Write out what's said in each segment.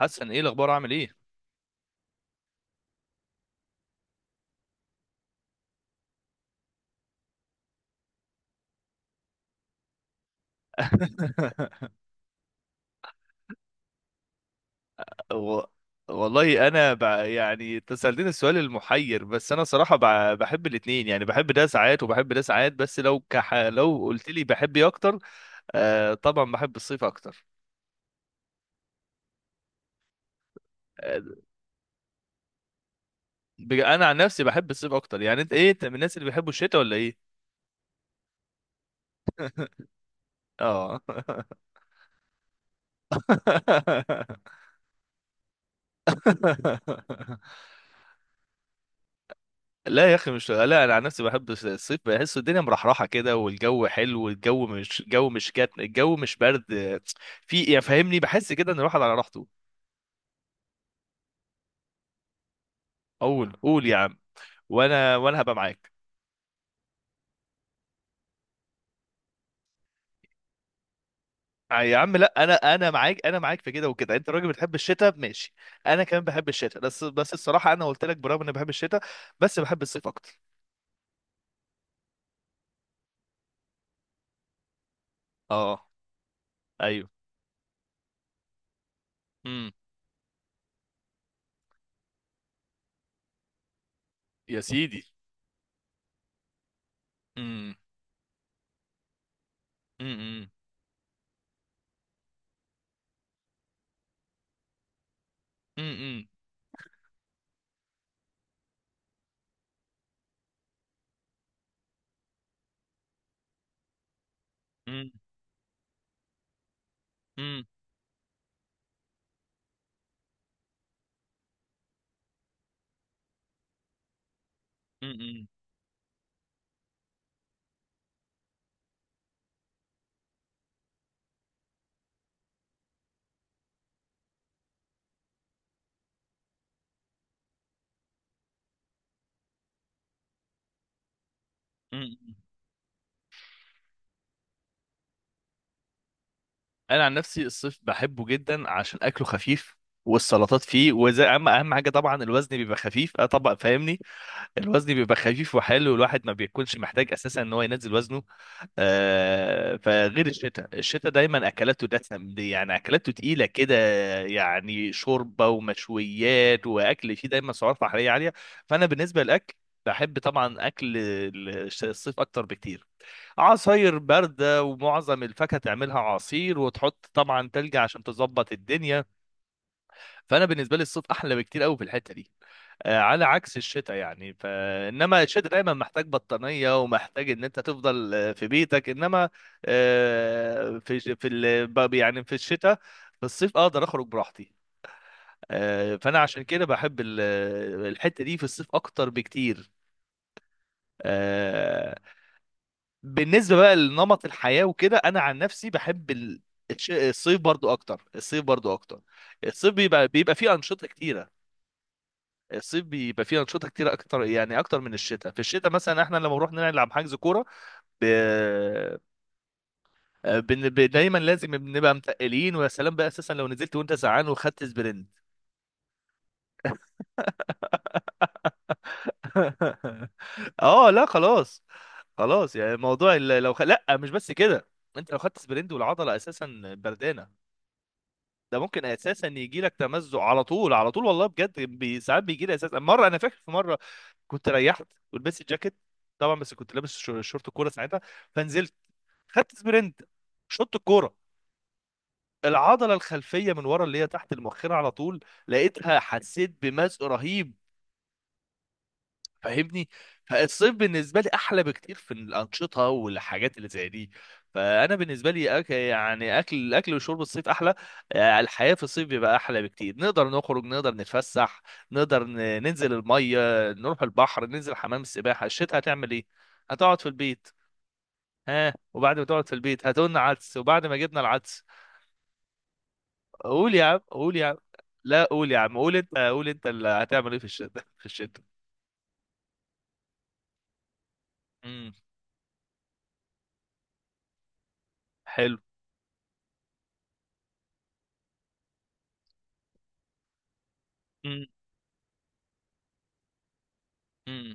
حسن، ايه الاخبار؟ عامل ايه؟ و... والله انا ب... يعني أنت سألتني السؤال المحير، بس انا صراحه بحب الاثنين. يعني بحب ده ساعات وبحب ده ساعات، بس لو لو قلت لي بحب ايه اكتر، آه طبعا بحب الصيف اكتر. آه، انا عن نفسي بحب الصيف اكتر. يعني انت ايه؟ انت من الناس اللي بيحبوا الشتاء ولا ايه؟ اه. لا يا اخي، مش لا، انا عن نفسي بحب الصيف. بحس الدنيا مرحرحه كده، والجو حلو، والجو مش الجو مش كاتم، الجو مش برد. في يعني، فاهمني؟ بحس كده ان الواحد على راحته. قول قول يا عم، وانا هبقى معاك. آه يا عم، لا انا معاك، انا معاك في كده وكده. انت راجل بتحب الشتاء، ماشي. انا كمان بحب الشتاء، بس الصراحه انا قلت لك، برغم اني بحب الشتاء بس بحب الصيف اكتر. اه، ايوه. امم. يا سيدي. امم. امم. امم. امم. امم. امم. انا عن نفسي الصيف بحبه جدا عشان اكله خفيف، والسلطات فيه، وزي اهم حاجه طبعا الوزن بيبقى خفيف. اه طبعا، فاهمني؟ الوزن بيبقى خفيف وحلو، الواحد ما بيكونش محتاج اساسا ان هو ينزل وزنه. آه، فغير الشتاء، الشتاء دايما اكلاته دسم، دي يعني اكلاته تقيله كده، يعني شوربه ومشويات واكل فيه دايما سعرات حراريه عاليه. فانا بالنسبه للاكل، بحب طبعا اكل الصيف اكتر بكتير. عصاير بارده، ومعظم الفاكهه تعملها عصير وتحط طبعا تلج عشان تظبط الدنيا. فانا بالنسبه لي الصيف احلى بكتير قوي في الحته دي. آه، على عكس الشتاء. يعني فانما الشتاء دايما محتاج بطانيه، ومحتاج ان انت تفضل آه، في بيتك. انما آه، في ج- في ال- ب- يعني في الشتاء، في الصيف اقدر اخرج براحتي. آه، فانا عشان كده بحب الحته دي في الصيف اكتر بكتير. آه، بالنسبه بقى لنمط الحياه وكده، انا عن نفسي بحب الصيف برضو اكتر، الصيف برضو اكتر. الصيف بيبقى فيه انشطه كتيره. الصيف بيبقى فيه انشطه كتير اكتر، يعني اكتر من الشتاء. في الشتاء مثلا احنا لما بنروح نلعب حجز كوره، ب... آه، بن... ب... دايما لازم بنبقى متقلين. ويا سلام بقى اساسا لو نزلت وانت زعان وخدت سبرنت. اه لا خلاص، خلاص. يعني موضوع لا، مش بس كده، انت لو خدت سبرنت والعضله اساسا بردانه، ده ممكن اساسا يجي لك تمزق على طول، على طول. والله بجد، ساعات بيجي لي اساسا. مره انا فاكر، في مره كنت ريحت ولبست الجاكيت طبعا، بس كنت لابس شورت كوره ساعتها، فنزلت، خدت سبرنت، شط الكوره، العضله الخلفيه من ورا اللي هي تحت المؤخره على طول لقيتها، حسيت بمزق رهيب، فاهمني؟ فالصيف بالنسبه لي احلى بكتير في الانشطه والحاجات اللي زي دي. فانا بالنسبه لي يعني اكل، اكل وشرب، الصيف احلى. آه، الحياه في الصيف بيبقى احلى بكتير. نقدر نخرج، نقدر نتفسح، ننزل الميه، نروح البحر، ننزل حمام السباحه. الشتاء هتعمل ايه؟ هتقعد في البيت. ها، وبعد ما تقعد في البيت هتقولنا عدس، وبعد ما جبنا العدس، قول يا عم، قول يا عم. لا قول يا عم، قول انت، قول انت اللي هتعمل ايه في الشتاء. في الشتاء. امم. حلو. امم. امم.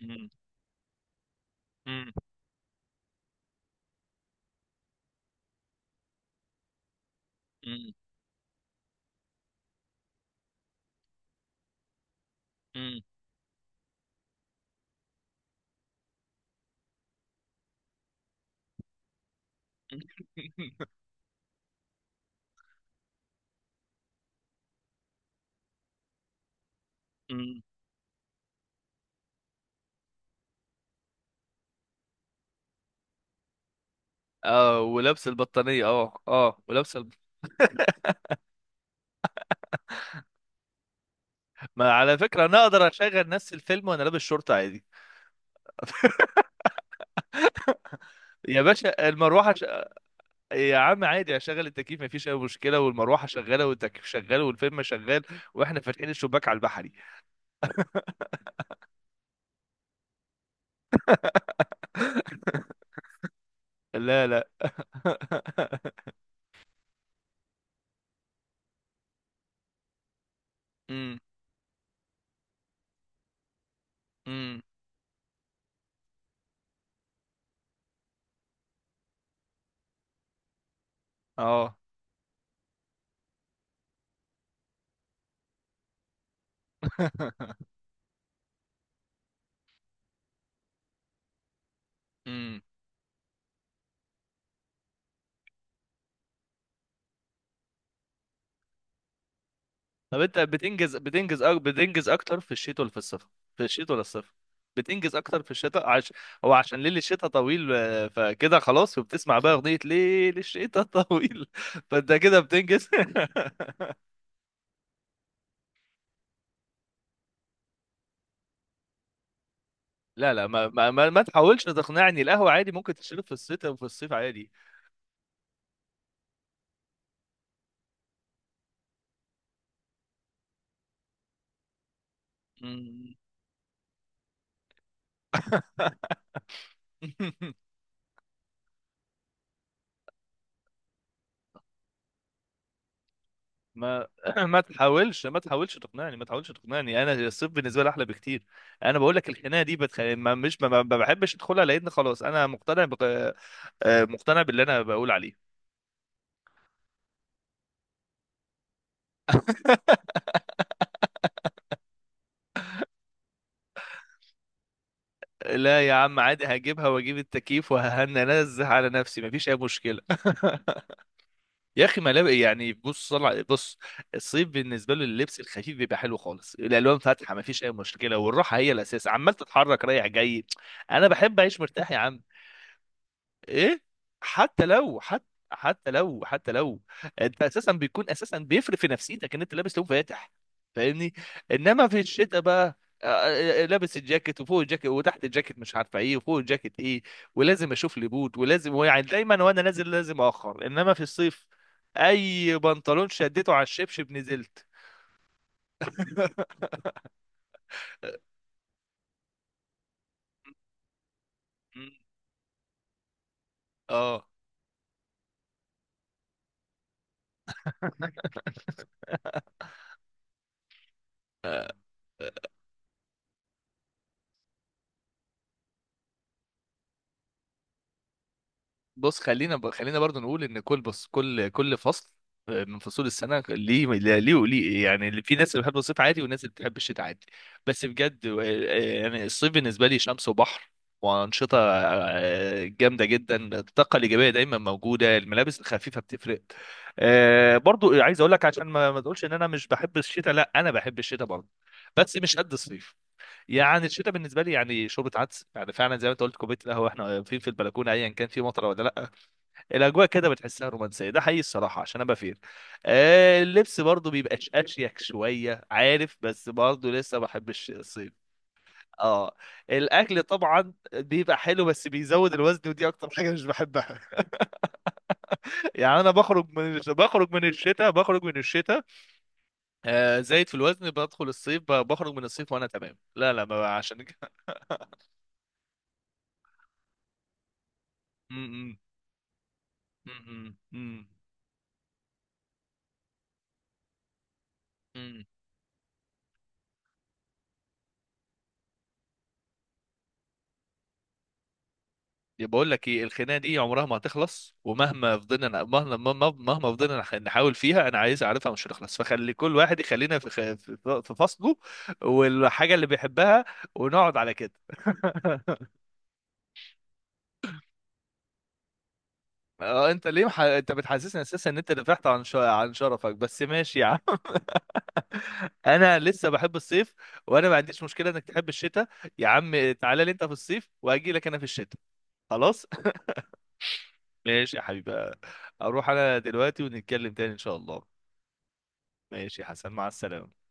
امم. مم. مم. مم. مم. اه ولابس البطانية، اه اه، ما على فكرة انا اقدر اشغل نفس الفيلم وانا لابس شورت عادي. يا باشا المروحة يا عم عادي، اشغل التكييف مفيش اي مشكلة، والمروحة شغالة والتكييف شغال والفيلم شغال، واحنا فاتحين الشباك على البحري. لا لا. امم. امم. اه. طب انت بتنجز، بتنجز اكتر في الشتاء ولا في الصيف؟ في الشتاء ولا الصيف؟ بتنجز اكتر في الشتاء هو عشان ليل الشتاء طويل آه، فكده خلاص، وبتسمع بقى اغنية ليل الشتاء طويل. فانت كده بتنجز. لا لا، ما تحاولش تقنعني. القهوة عادي ممكن تشرب في الشتاء وفي الصيف عادي. مم. ما ما تحاولش تقنعني، ما تحاولش تقنعني، انا الصيف بالنسبه لي احلى بكتير. انا بقول لك الخناقه دي ما مش ما, ما بحبش ادخلها، لان خلاص انا مقتنع آه، مقتنع باللي انا بقول عليه. لا يا عم عادي، هجيبها واجيب التكييف وهننزه على نفسي، مفيش اي مشكله. يا اخي ملابس، يعني بص، صلع بص، الصيف بالنسبه له اللبس الخفيف بيبقى حلو خالص، الالوان فاتحه مفيش اي مشكله، والراحه هي الاساس، عمال تتحرك رايح جاي. انا بحب اعيش مرتاح يا عم. ايه؟ حتى لو حتى حتى لو انت اساسا بيكون اساسا بيفرق في نفسيتك ان انت لابس لون فاتح، فاهمني؟ انما في الشتاء بقى آه، لابس الجاكيت، وفوق الجاكيت وتحت الجاكيت مش عارفه ايه، وفوق الجاكيت ايه، ولازم اشوف لي بوت، ولازم يعني دايما وانا نازل لازم اخر. انما في الصيف اي بنطلون شديته على الشبشب نزلت. اه، بص خلينا خلينا برضو نقول ان كل، بص، كل كل فصل آه، من فصول السنه ليه، ليه وليه. يعني اللي في ناس اللي بتحب الصيف عادي، وناس اللي بتحب الشتاء عادي. بس بجد آه، يعني الصيف بالنسبه لي شمس وبحر وانشطه آه، جامده جدا، الطاقه الايجابيه دايما موجوده، الملابس الخفيفه بتفرق. آه، برضو عايز اقول لك عشان ما تقولش ان انا مش بحب الشتاء، لا انا بحب الشتاء برضو، بس مش قد الصيف. يعني الشتاء بالنسبه لي يعني شوربه عدس، يعني فعلا زي ما انت قلت، كوبايه القهوه احنا واقفين في البلكونه، ايا كان في مطره ولا لا، الاجواء كده بتحسها رومانسيه، ده حقيقي الصراحه عشان ابقى فير. آه اللبس برضو بيبقى اشيك شويه، عارف؟ بس برضو لسه ما بحبش الصيف. اه، الاكل طبعا بيبقى حلو بس بيزود الوزن، ودي اكتر حاجه مش بحبها. يعني انا بخرج من الشتاء، بخرج من الشتاء آه زايد في الوزن، بدخل الصيف بخرج من الصيف وانا تمام. لا لا، ما عشان كده. م- م- م- م- م- بقول لك ايه، الخناقه دي عمرها ما هتخلص، ومهما فضلنا مهما مهما مهما فضلنا نحاول فيها، انا عايز اعرفها مش هتخلص. فخلي كل واحد يخلينا في في فصله والحاجه اللي بيحبها، ونقعد على كده. اه انت ليه انت بتحسسني اساسا ان انت دفعت عن عن شرفك، بس ماشي يا عم. انا لسه بحب الصيف، وانا ما عنديش مشكله انك تحب الشتاء. يا عم تعالى لي انت في الصيف واجي لك انا في الشتاء. خلاص. ماشي يا حبيبي. اروح انا دلوقتي، ونتكلم تاني ان شاء الله. ماشي يا حسن، مع السلامة.